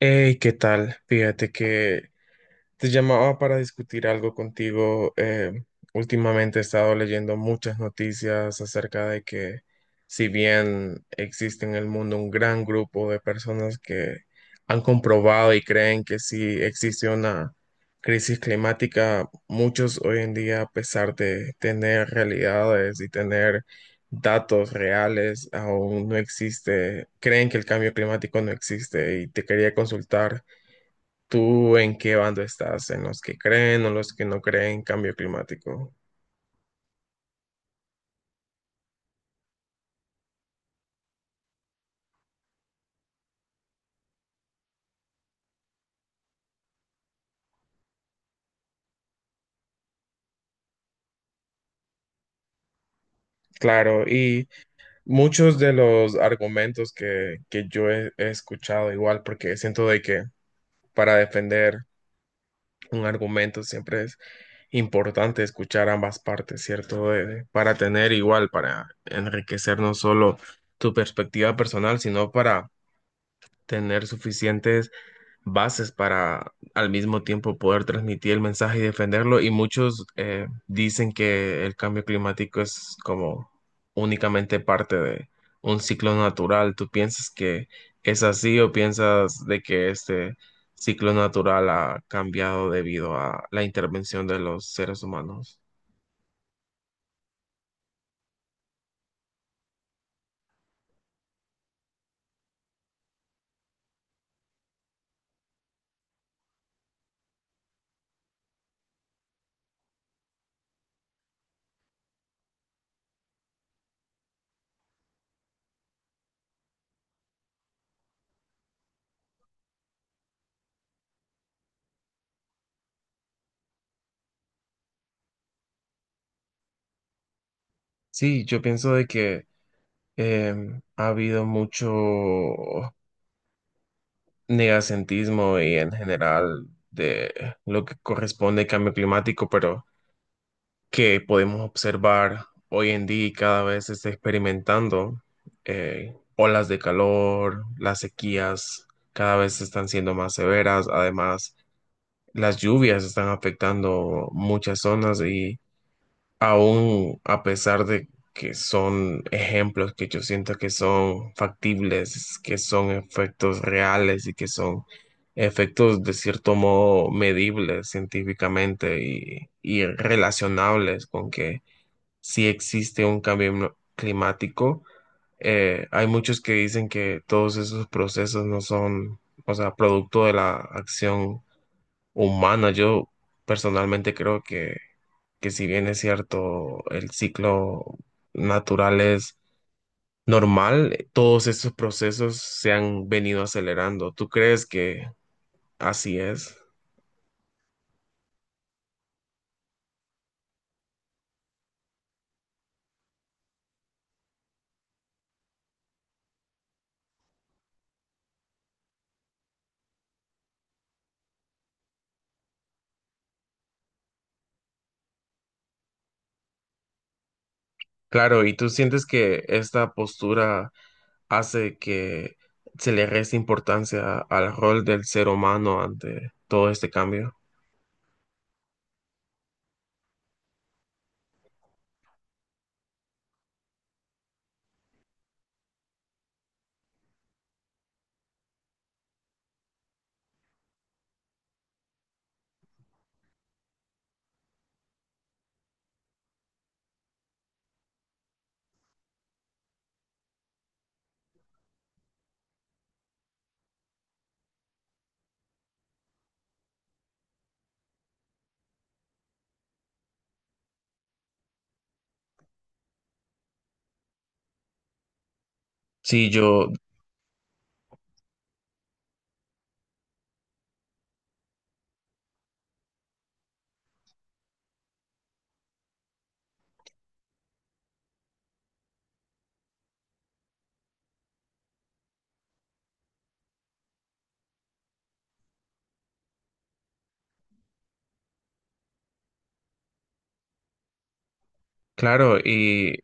Hey, ¿qué tal? Fíjate que te llamaba para discutir algo contigo. Últimamente he estado leyendo muchas noticias acerca de que si bien existe en el mundo un gran grupo de personas que han comprobado y creen que sí existe una crisis climática, muchos hoy en día, a pesar de tener realidades y tener datos reales, aún no existe, creen que el cambio climático no existe y te quería consultar. ¿Tú en qué bando estás? ¿En los que creen o los que no creen en cambio climático? Claro, y muchos de los argumentos que yo he escuchado igual, porque siento de que para defender un argumento siempre es importante escuchar ambas partes, ¿cierto? Para tener igual, para enriquecer no solo tu perspectiva personal, sino para tener suficientes bases para al mismo tiempo poder transmitir el mensaje y defenderlo. Y muchos dicen que el cambio climático es como únicamente parte de un ciclo natural. ¿Tú piensas que es así o piensas de que este ciclo natural ha cambiado debido a la intervención de los seres humanos? Sí, yo pienso de que ha habido mucho negacentismo y en general de lo que corresponde al cambio climático, pero que podemos observar hoy en día y cada vez se está experimentando olas de calor, las sequías cada vez están siendo más severas, además las lluvias están afectando muchas zonas y aún a pesar de que son ejemplos que yo siento que son factibles, que son efectos reales y que son efectos de cierto modo medibles científicamente y relacionables con que si existe un cambio climático. Eh, hay muchos que dicen que todos esos procesos no son, o sea, producto de la acción humana. Yo personalmente creo que si bien es cierto, el ciclo natural es normal, todos esos procesos se han venido acelerando. ¿Tú crees que así es? Claro, ¿y tú sientes que esta postura hace que se le reste importancia al rol del ser humano ante todo este cambio? Sí, yo, claro, y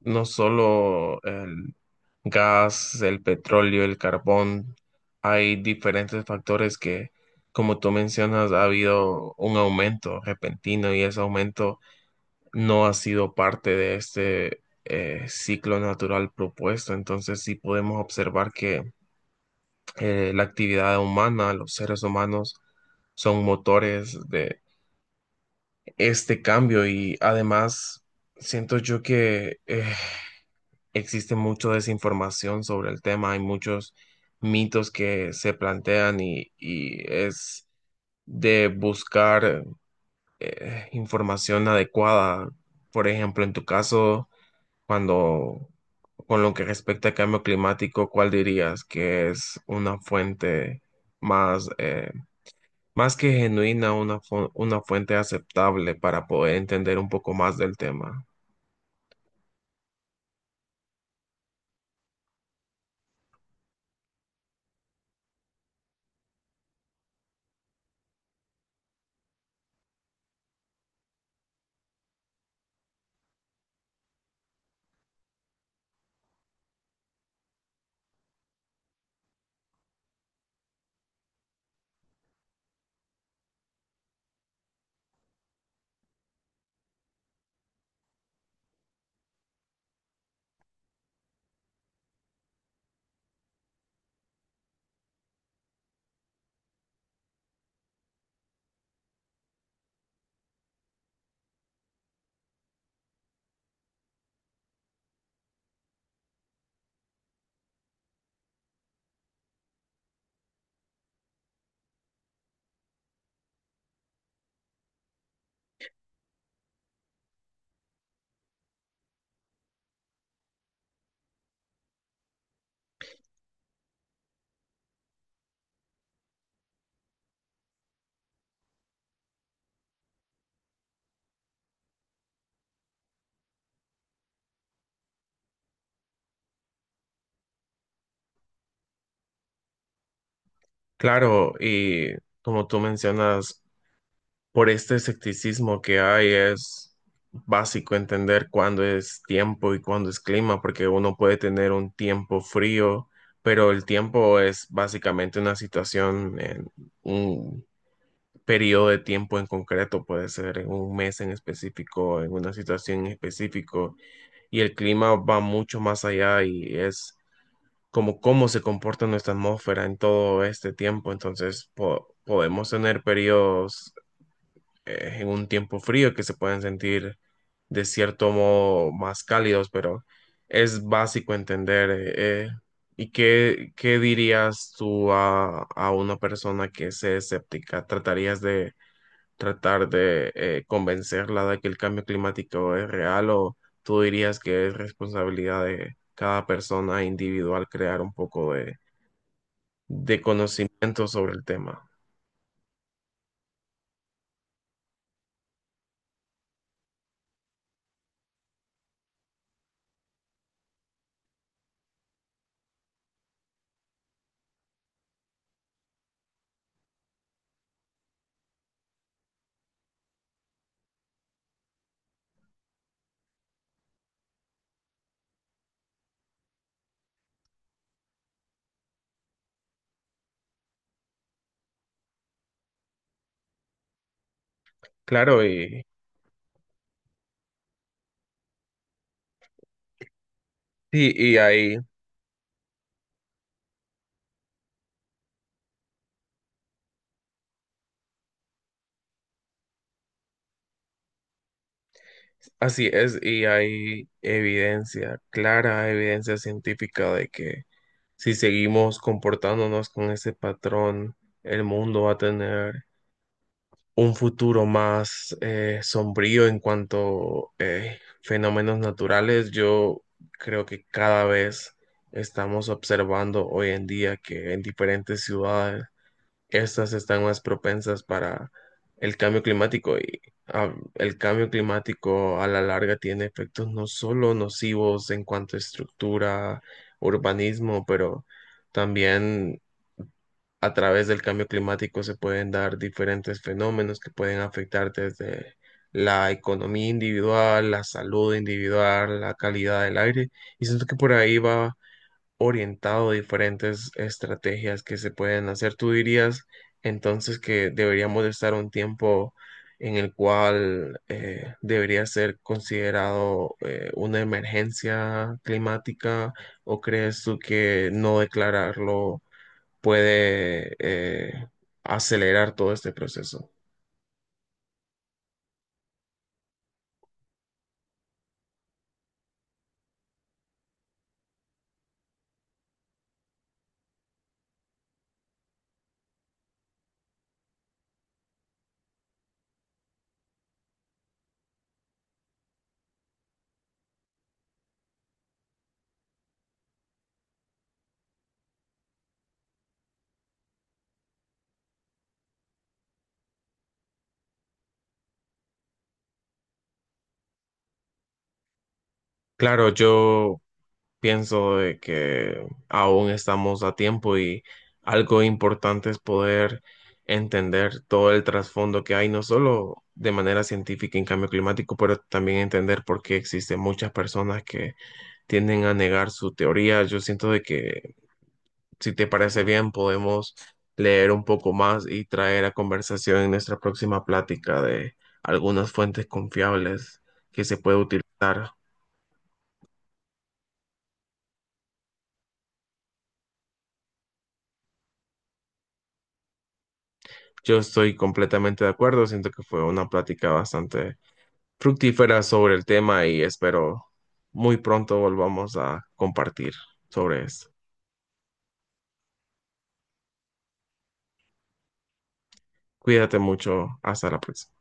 no solo el gas, el petróleo, el carbón. Hay diferentes factores que, como tú mencionas, ha habido un aumento repentino y ese aumento no ha sido parte de este ciclo natural propuesto. Entonces sí podemos observar que la actividad humana, los seres humanos, son motores de este cambio y además siento yo que existe mucha desinformación sobre el tema, hay muchos mitos que se plantean y es de buscar información adecuada. Por ejemplo, en tu caso, cuando con lo que respecta al cambio climático, ¿cuál dirías que es una fuente más más que genuina, una, una fuente aceptable para poder entender un poco más del tema? Claro, y como tú mencionas, por este escepticismo que hay, es básico entender cuándo es tiempo y cuándo es clima, porque uno puede tener un tiempo frío, pero el tiempo es básicamente una situación en un periodo de tiempo en concreto, puede ser en un mes en específico, en una situación en específico, y el clima va mucho más allá y es como cómo se comporta nuestra atmósfera en todo este tiempo, entonces podemos tener periodos en un tiempo frío que se pueden sentir de cierto modo más cálidos, pero es básico entender. ¿Y qué, qué dirías tú a una persona que es escéptica? ¿Tratarías de tratar de convencerla de que el cambio climático es real o tú dirías que es responsabilidad de cada persona individual crear un poco de conocimiento sobre el tema? Claro, y ahí así es, y hay evidencia, clara evidencia científica de que si seguimos comportándonos con ese patrón, el mundo va a tener un futuro más sombrío en cuanto fenómenos naturales. Yo creo que cada vez estamos observando hoy en día que en diferentes ciudades estas están más propensas para el cambio climático y el cambio climático a la larga tiene efectos no solo nocivos en cuanto a estructura, urbanismo, pero también a través del cambio climático se pueden dar diferentes fenómenos que pueden afectar desde la economía individual, la salud individual, la calidad del aire. Y siento que por ahí va orientado a diferentes estrategias que se pueden hacer. ¿Tú dirías entonces que deberíamos de estar un tiempo en el cual debería ser considerado una emergencia climática o crees tú que no declararlo puede acelerar todo este proceso? Claro, yo pienso de que aún estamos a tiempo y algo importante es poder entender todo el trasfondo que hay, no solo de manera científica en cambio climático, pero también entender por qué existen muchas personas que tienden a negar su teoría. Yo siento de que, si te parece bien, podemos leer un poco más y traer a conversación en nuestra próxima plática de algunas fuentes confiables que se puede utilizar. Yo estoy completamente de acuerdo, siento que fue una plática bastante fructífera sobre el tema y espero muy pronto volvamos a compartir sobre esto. Cuídate mucho, hasta la próxima.